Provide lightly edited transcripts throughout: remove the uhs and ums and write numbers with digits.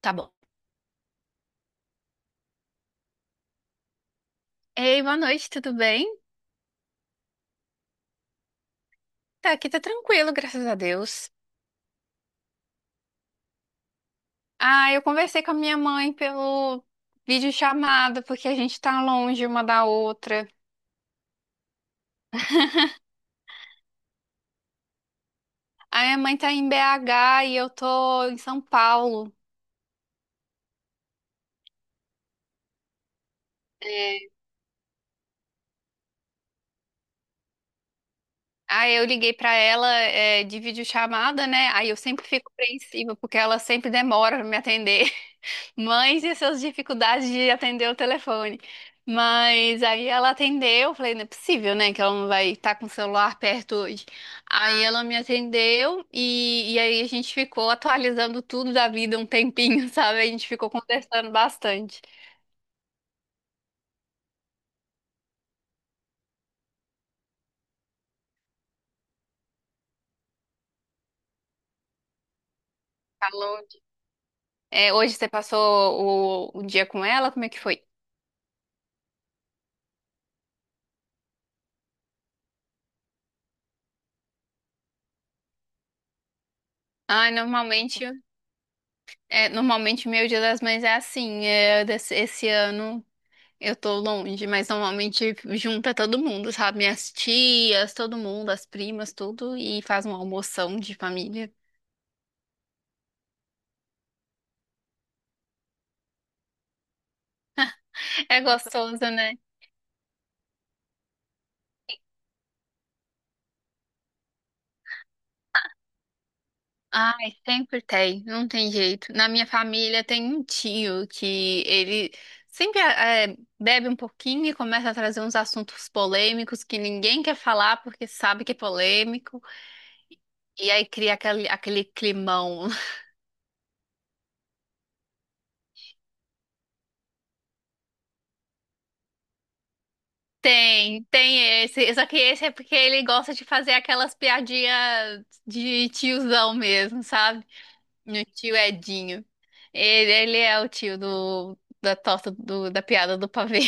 Tá bom. Ei, boa noite, tudo bem? Tá, aqui tá tranquilo, graças a Deus. Ah, eu conversei com a minha mãe pelo videochamada, porque a gente tá longe uma da outra. A minha mãe tá em BH e eu tô em São Paulo. É. Aí eu liguei pra ela, de videochamada, né? Aí eu sempre fico apreensiva, porque ela sempre demora pra me atender. Mães e suas dificuldades de atender o telefone. Mas aí ela atendeu, eu falei, não é possível, né, que ela não vai estar com o celular perto hoje. Aí ela me atendeu e aí a gente ficou atualizando tudo da vida um tempinho, sabe? A gente ficou conversando bastante. Falou. É, hoje você passou o dia com ela? Como é que foi? Ah, normalmente, normalmente meu Dia das Mães é assim. Esse ano eu tô longe, mas normalmente junta todo mundo, sabe? Minhas tias, todo mundo, as primas, tudo, e faz uma almoção de família. É gostoso, né? Ai, sempre tem, não tem jeito. Na minha família tem um tio que ele sempre bebe um pouquinho e começa a trazer uns assuntos polêmicos que ninguém quer falar porque sabe que é polêmico, e aí cria aquele climão. Tem, tem esse. Só que esse é porque ele gosta de fazer aquelas piadinhas de tiozão mesmo, sabe? No tio Edinho. Ele é o tio do, da torta do, da piada do pavê.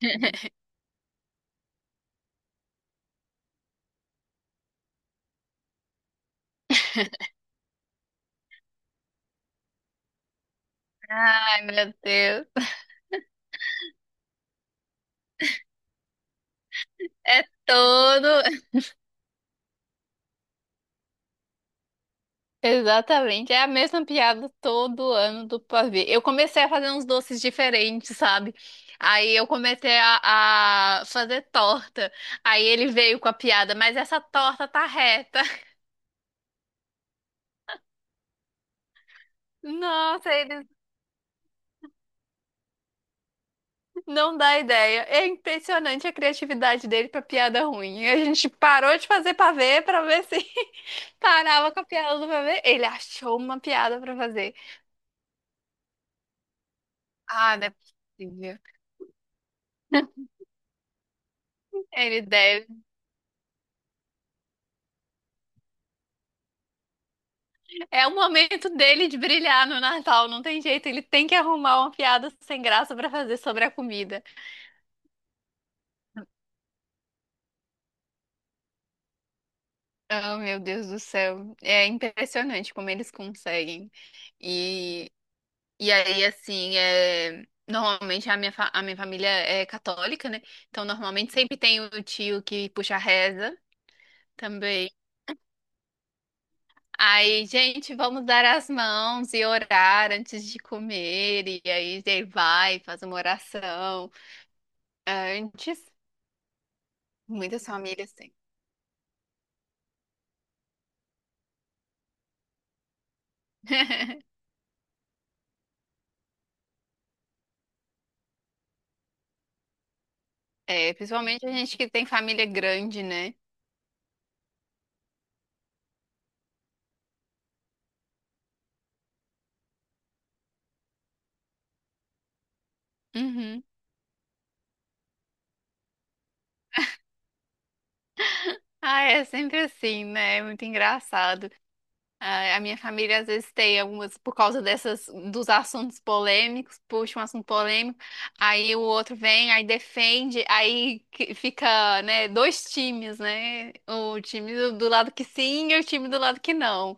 Ai, meu Deus. É todo. Exatamente. É a mesma piada todo ano do pavê. Eu comecei a fazer uns doces diferentes, sabe? Aí eu comecei a fazer torta. Aí ele veio com a piada, mas essa torta tá reta. Nossa, ele não dá ideia. É impressionante a criatividade dele pra piada ruim. A gente parou de fazer pavê pra ver se parava com a piada do pavê. Ele achou uma piada pra fazer. Ah, não é possível. Ele deve. É o momento dele de brilhar no Natal, não tem jeito. Ele tem que arrumar uma piada sem graça pra fazer sobre a comida. Oh, meu Deus do céu. É impressionante como eles conseguem. E e aí, assim, normalmente a a minha família é católica, né? Então, normalmente sempre tem o tio que puxa a reza também. Aí, gente, vamos dar as mãos e orar antes de comer. E aí, ele vai, faz uma oração. Antes, muitas famílias têm. É, principalmente a gente que tem família grande, né? Uhum. Ah, é sempre assim, né? É muito engraçado. A minha família às vezes tem algumas, por causa dessas, dos assuntos polêmicos, puxa um assunto polêmico, aí o outro vem, aí defende, fica, né, dois times, né? O time do lado que sim e o time do lado que não.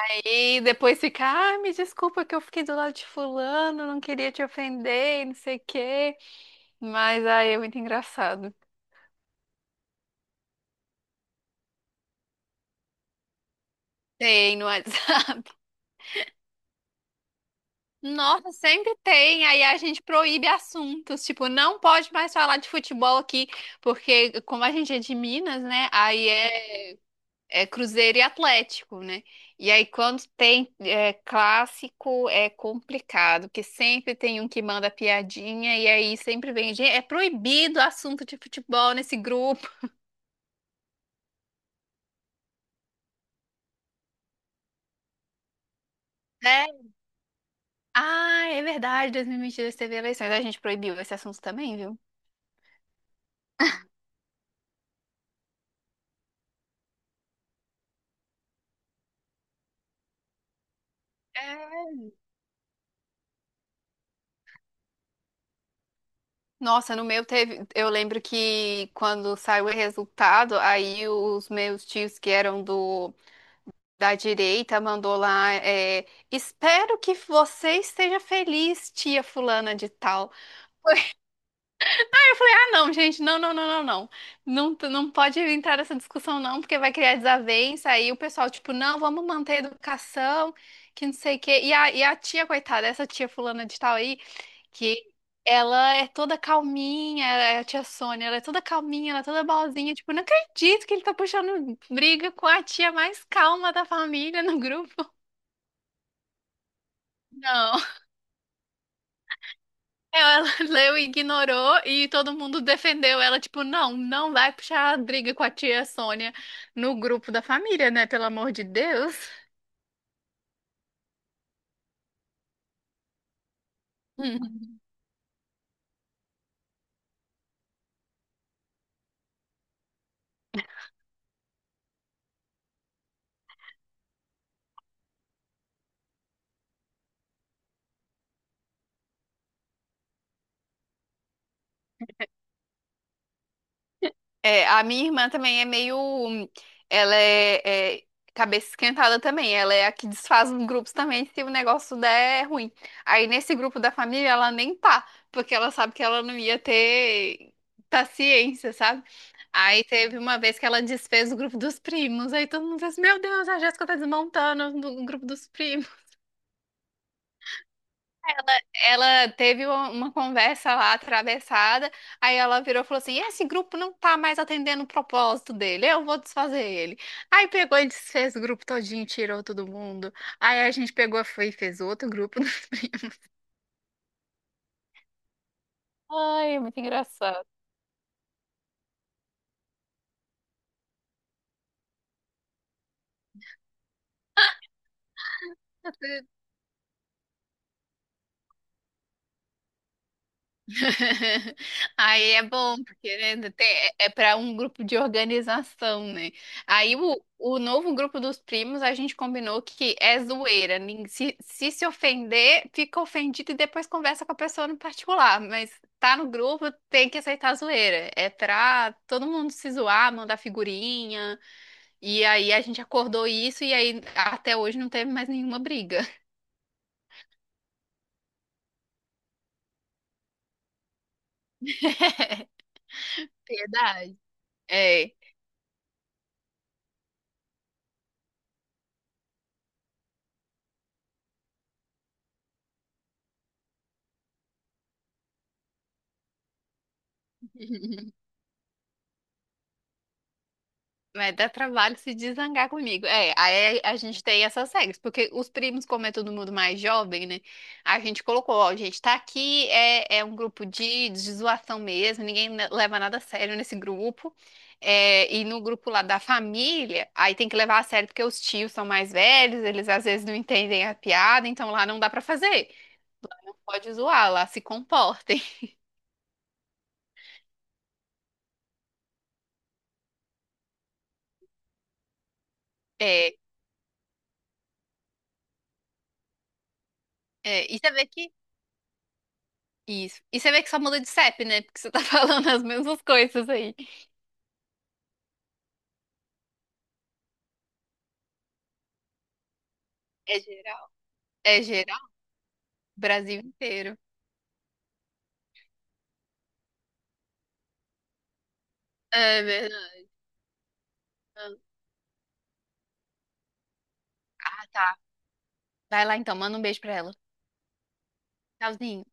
Aí depois fica, ah, me desculpa que eu fiquei do lado de fulano, não queria te ofender, e não sei o quê. Mas aí é muito engraçado. Tem no WhatsApp. Nossa, sempre tem. Aí a gente proíbe assuntos, tipo, não pode mais falar de futebol aqui, porque como a gente é de Minas, né? É Cruzeiro e Atlético, né? E aí quando tem clássico é complicado, porque sempre tem um que manda piadinha e aí sempre vem, gente, é proibido assunto de futebol nesse grupo, né? Ah, é verdade, 2022 teve eleições, a gente proibiu esse assunto também, viu? Nossa, no meu teve. Eu lembro que quando saiu o resultado, aí os meus tios que eram do da direita mandou lá. Espero que você esteja feliz, tia fulana de tal. Foi, ah, não, gente, não, não, não, não, não. Não, tu não pode entrar nessa discussão, não, porque vai criar desavença. Aí o pessoal, tipo, não, vamos manter a educação, que não sei o quê. E a tia, coitada, essa tia fulana de tal aí que ela é toda calminha, é a tia Sônia, ela é toda calminha, ela é toda boazinha, tipo, não acredito que ele tá puxando briga com a tia mais calma da família no grupo. Não. Ela leu e ignorou e todo mundo defendeu ela, tipo, não, não vai puxar briga com a tia Sônia no grupo da família, né? Pelo amor de Deus. Hum. É, a minha irmã também é meio. É cabeça esquentada também. Ela é a que desfaz os grupos também se o negócio der ruim. Aí nesse grupo da família ela nem tá, porque ela sabe que ela não ia ter paciência, sabe? Aí teve uma vez que ela desfez o grupo dos primos. Aí todo mundo fez: Meu Deus, a Jéssica tá desmontando o grupo dos primos. Ela teve uma conversa lá atravessada, aí ela virou e falou assim: Esse grupo não tá mais atendendo o propósito dele, eu vou desfazer ele. Aí pegou e desfez o grupo todinho, tirou todo mundo. Aí a gente pegou foi e fez outro grupo. Ai, é muito engraçado. Aí é bom, porque né, é para um grupo de organização, né? Aí o novo grupo dos primos, a gente combinou que é zoeira. Se ofender, fica ofendido e depois conversa com a pessoa no particular. Mas tá no grupo, tem que aceitar a zoeira. É pra todo mundo se zoar, mandar figurinha. E aí a gente acordou isso e aí até hoje não teve mais nenhuma briga. Piedade. É. Vai dar trabalho se desangar comigo. É, aí a gente tem essas regras, porque os primos, como é todo mundo mais jovem, né? A gente colocou, ó, gente, tá aqui, é um grupo de zoação mesmo, leva nada a sério nesse grupo. É, e no grupo lá da família, aí tem que levar a sério, porque os tios são mais velhos, eles às vezes não entendem a piada, então lá não dá pra fazer. Pode zoar, lá se comportem. É, e você vê que. Isso. E você vê que só muda de CEP, né? Porque você tá falando as mesmas coisas aí. É geral. É geral. Brasil inteiro. É verdade. Ah, tá. Vai lá então, manda um beijo pra ela. Tchauzinho.